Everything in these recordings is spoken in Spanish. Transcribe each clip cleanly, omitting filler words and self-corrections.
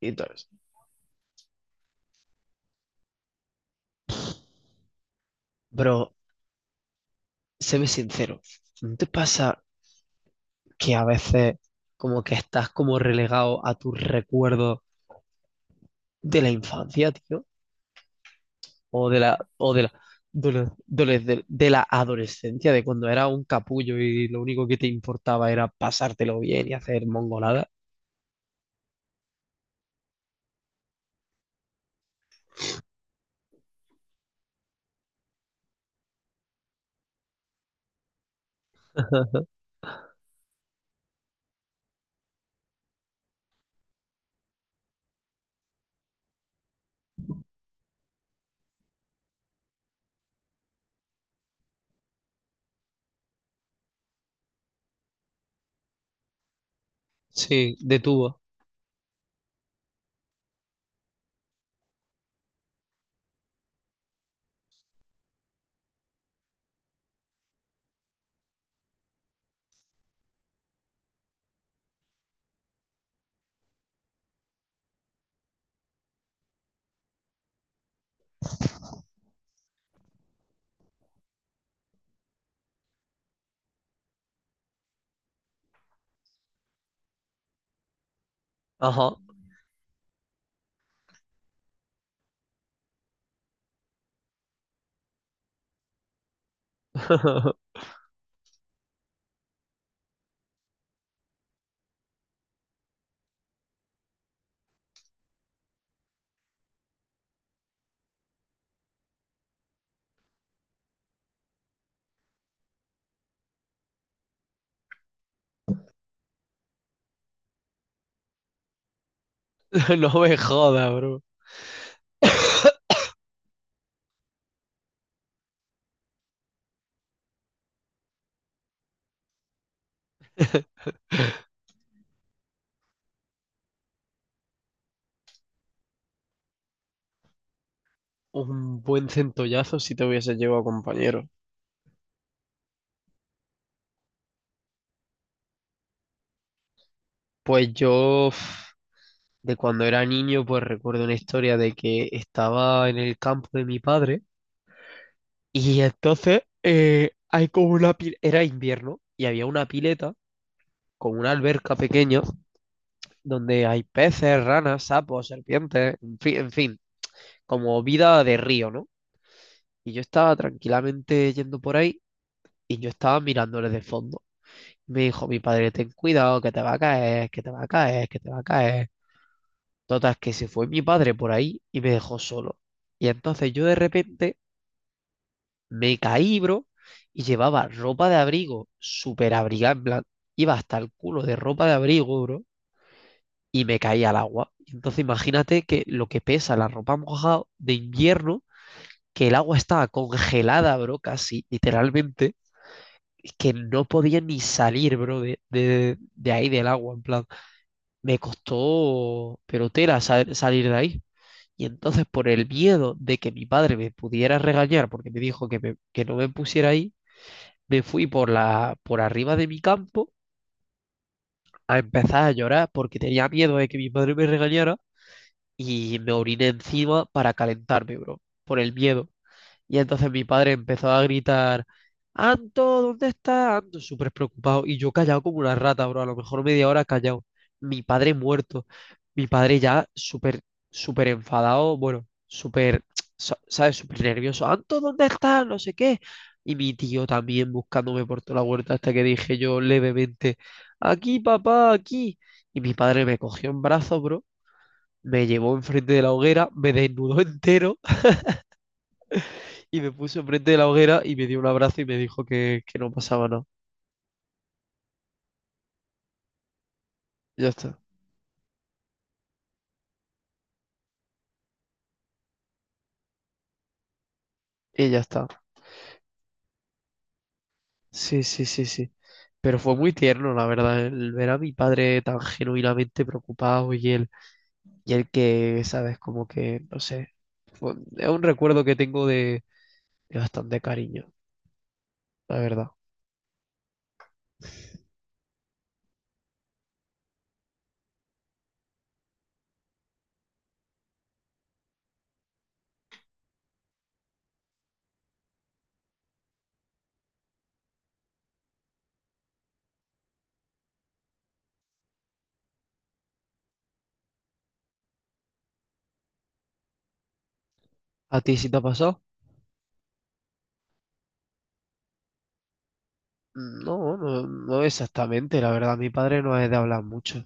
Y entonces, bro, séme sincero, ¿no te pasa que a veces como que estás como relegado a tus recuerdos de la infancia, tío? O de la, o de la, de la adolescencia, de cuando era un capullo y lo único que te importaba era pasártelo bien y hacer mongolada. Sí, de tubo. Ajá. No me jodas, bro. Un buen centollazo si te hubiese llevado, compañero. Pues yo... de cuando era niño, pues recuerdo una historia de que estaba en el campo de mi padre y entonces hay como una pileta, era invierno y había una pileta con una alberca pequeña donde hay peces, ranas, sapos, serpientes, en fin, como vida de río, ¿no? Y yo estaba tranquilamente yendo por ahí y yo estaba mirándoles de fondo. Me dijo mi padre, ten cuidado, que te va a caer, que te va a caer, que te va a caer. Total, que se fue mi padre por ahí y me dejó solo. Y entonces yo de repente me caí, bro, y llevaba ropa de abrigo súper abrigada, en plan, iba hasta el culo de ropa de abrigo, bro, y me caí al agua. Y entonces imagínate que lo que pesa la ropa mojada de invierno, que el agua estaba congelada, bro, casi, literalmente, y que no podía ni salir, bro, de ahí del agua, en plan, me costó, pero tela salir de ahí. Y entonces por el miedo de que mi padre me pudiera regañar porque me dijo que, que no me pusiera ahí, me fui por la, por arriba de mi campo a empezar a llorar porque tenía miedo de que mi padre me regañara y me oriné encima para calentarme, bro, por el miedo. Y entonces mi padre empezó a gritar, ¿Anto, dónde estás? Anto, súper preocupado. Y yo callado como una rata, bro, a lo mejor media hora callado. Mi padre muerto. Mi padre ya súper, súper enfadado, bueno, súper, ¿sabes? Súper nervioso. ¿Anto, dónde estás? No sé qué. Y mi tío también buscándome por toda la huerta hasta que dije yo levemente, aquí, papá, aquí. Y mi padre me cogió en brazos, bro, me llevó enfrente de la hoguera, me desnudó entero y me puso enfrente de la hoguera y me dio un abrazo y me dijo que no pasaba nada. Ya está. Y ya está. Sí, sí, sí, sí. Pero fue muy tierno, la verdad, el ver a mi padre tan genuinamente preocupado y él que, sabes, como que, no sé, es un recuerdo que tengo de bastante cariño, la verdad. ¿A ti sí te ha pasado? No, no, no exactamente, la verdad, mi padre no es de hablar mucho.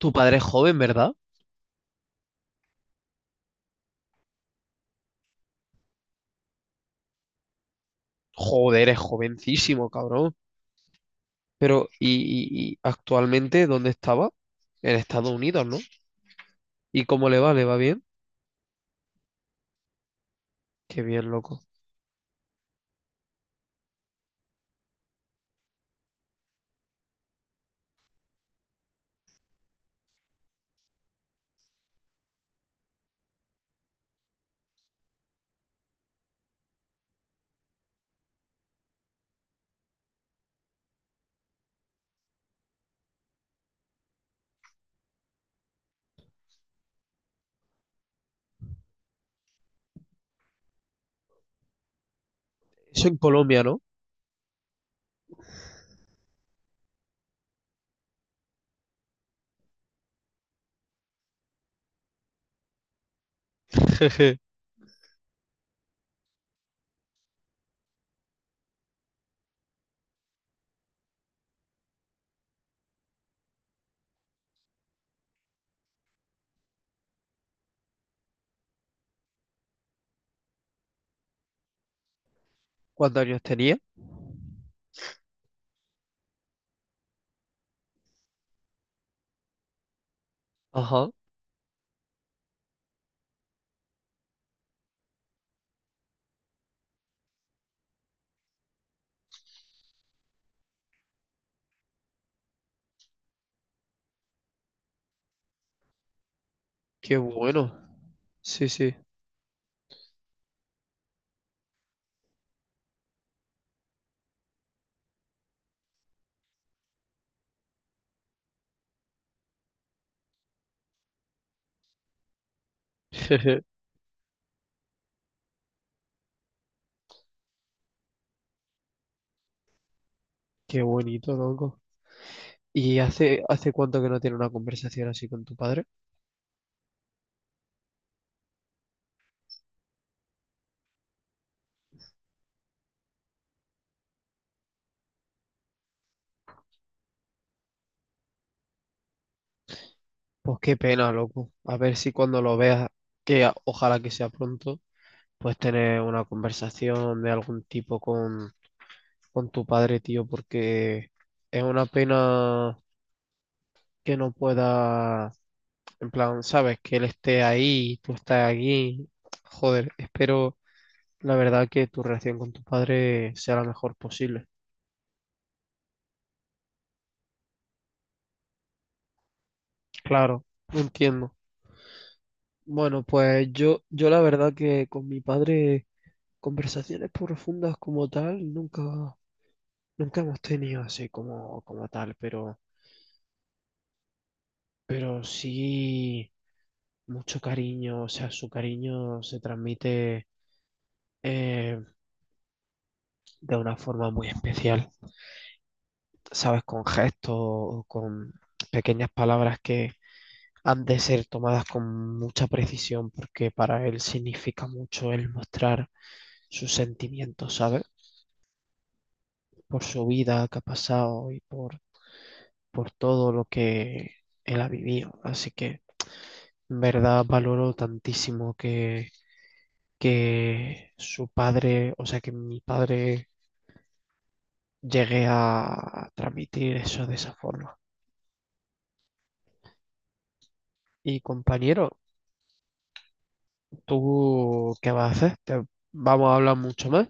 Tu padre es joven, ¿verdad? Joder, es jovencísimo, cabrón. Pero, y, ¿y actualmente dónde estaba? En Estados Unidos, ¿no? ¿Y cómo le va? ¿Le va bien? Qué bien, loco. Eso en Colombia, ¿no? ¿Cuántos años tenía? Ajá, qué bueno. Sí, sí. Qué bonito, loco. ¿Y hace, hace cuánto que no tiene una conversación así con tu padre? Pues qué pena, loco. A ver si cuando lo veas, ojalá que sea pronto, pues tener una conversación de algún tipo con tu padre, tío, porque es una pena que no pueda, en plan, sabes, que él esté ahí, tú estás aquí. Joder, espero la verdad que tu relación con tu padre sea la mejor posible. Claro, lo entiendo. Bueno, pues yo la verdad que con mi padre conversaciones profundas como tal nunca, nunca hemos tenido así como, como tal, pero sí mucho cariño, o sea, su cariño se transmite. eh, de una forma muy especial, ¿sabes? Con gestos o con pequeñas palabras que han de ser tomadas con mucha precisión porque para él significa mucho el mostrar sus sentimientos, ¿sabes? Por su vida que ha pasado y por todo lo que él ha vivido. Así que, en verdad, valoro tantísimo que su padre, o sea, que mi padre llegué a transmitir eso de esa forma. Y compañero, ¿tú qué vas a hacer? ¿Te vamos a hablar mucho más?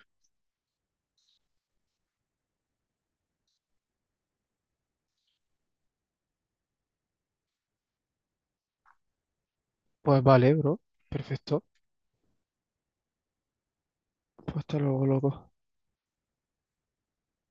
Pues vale, bro. Perfecto. Pues hasta luego, loco.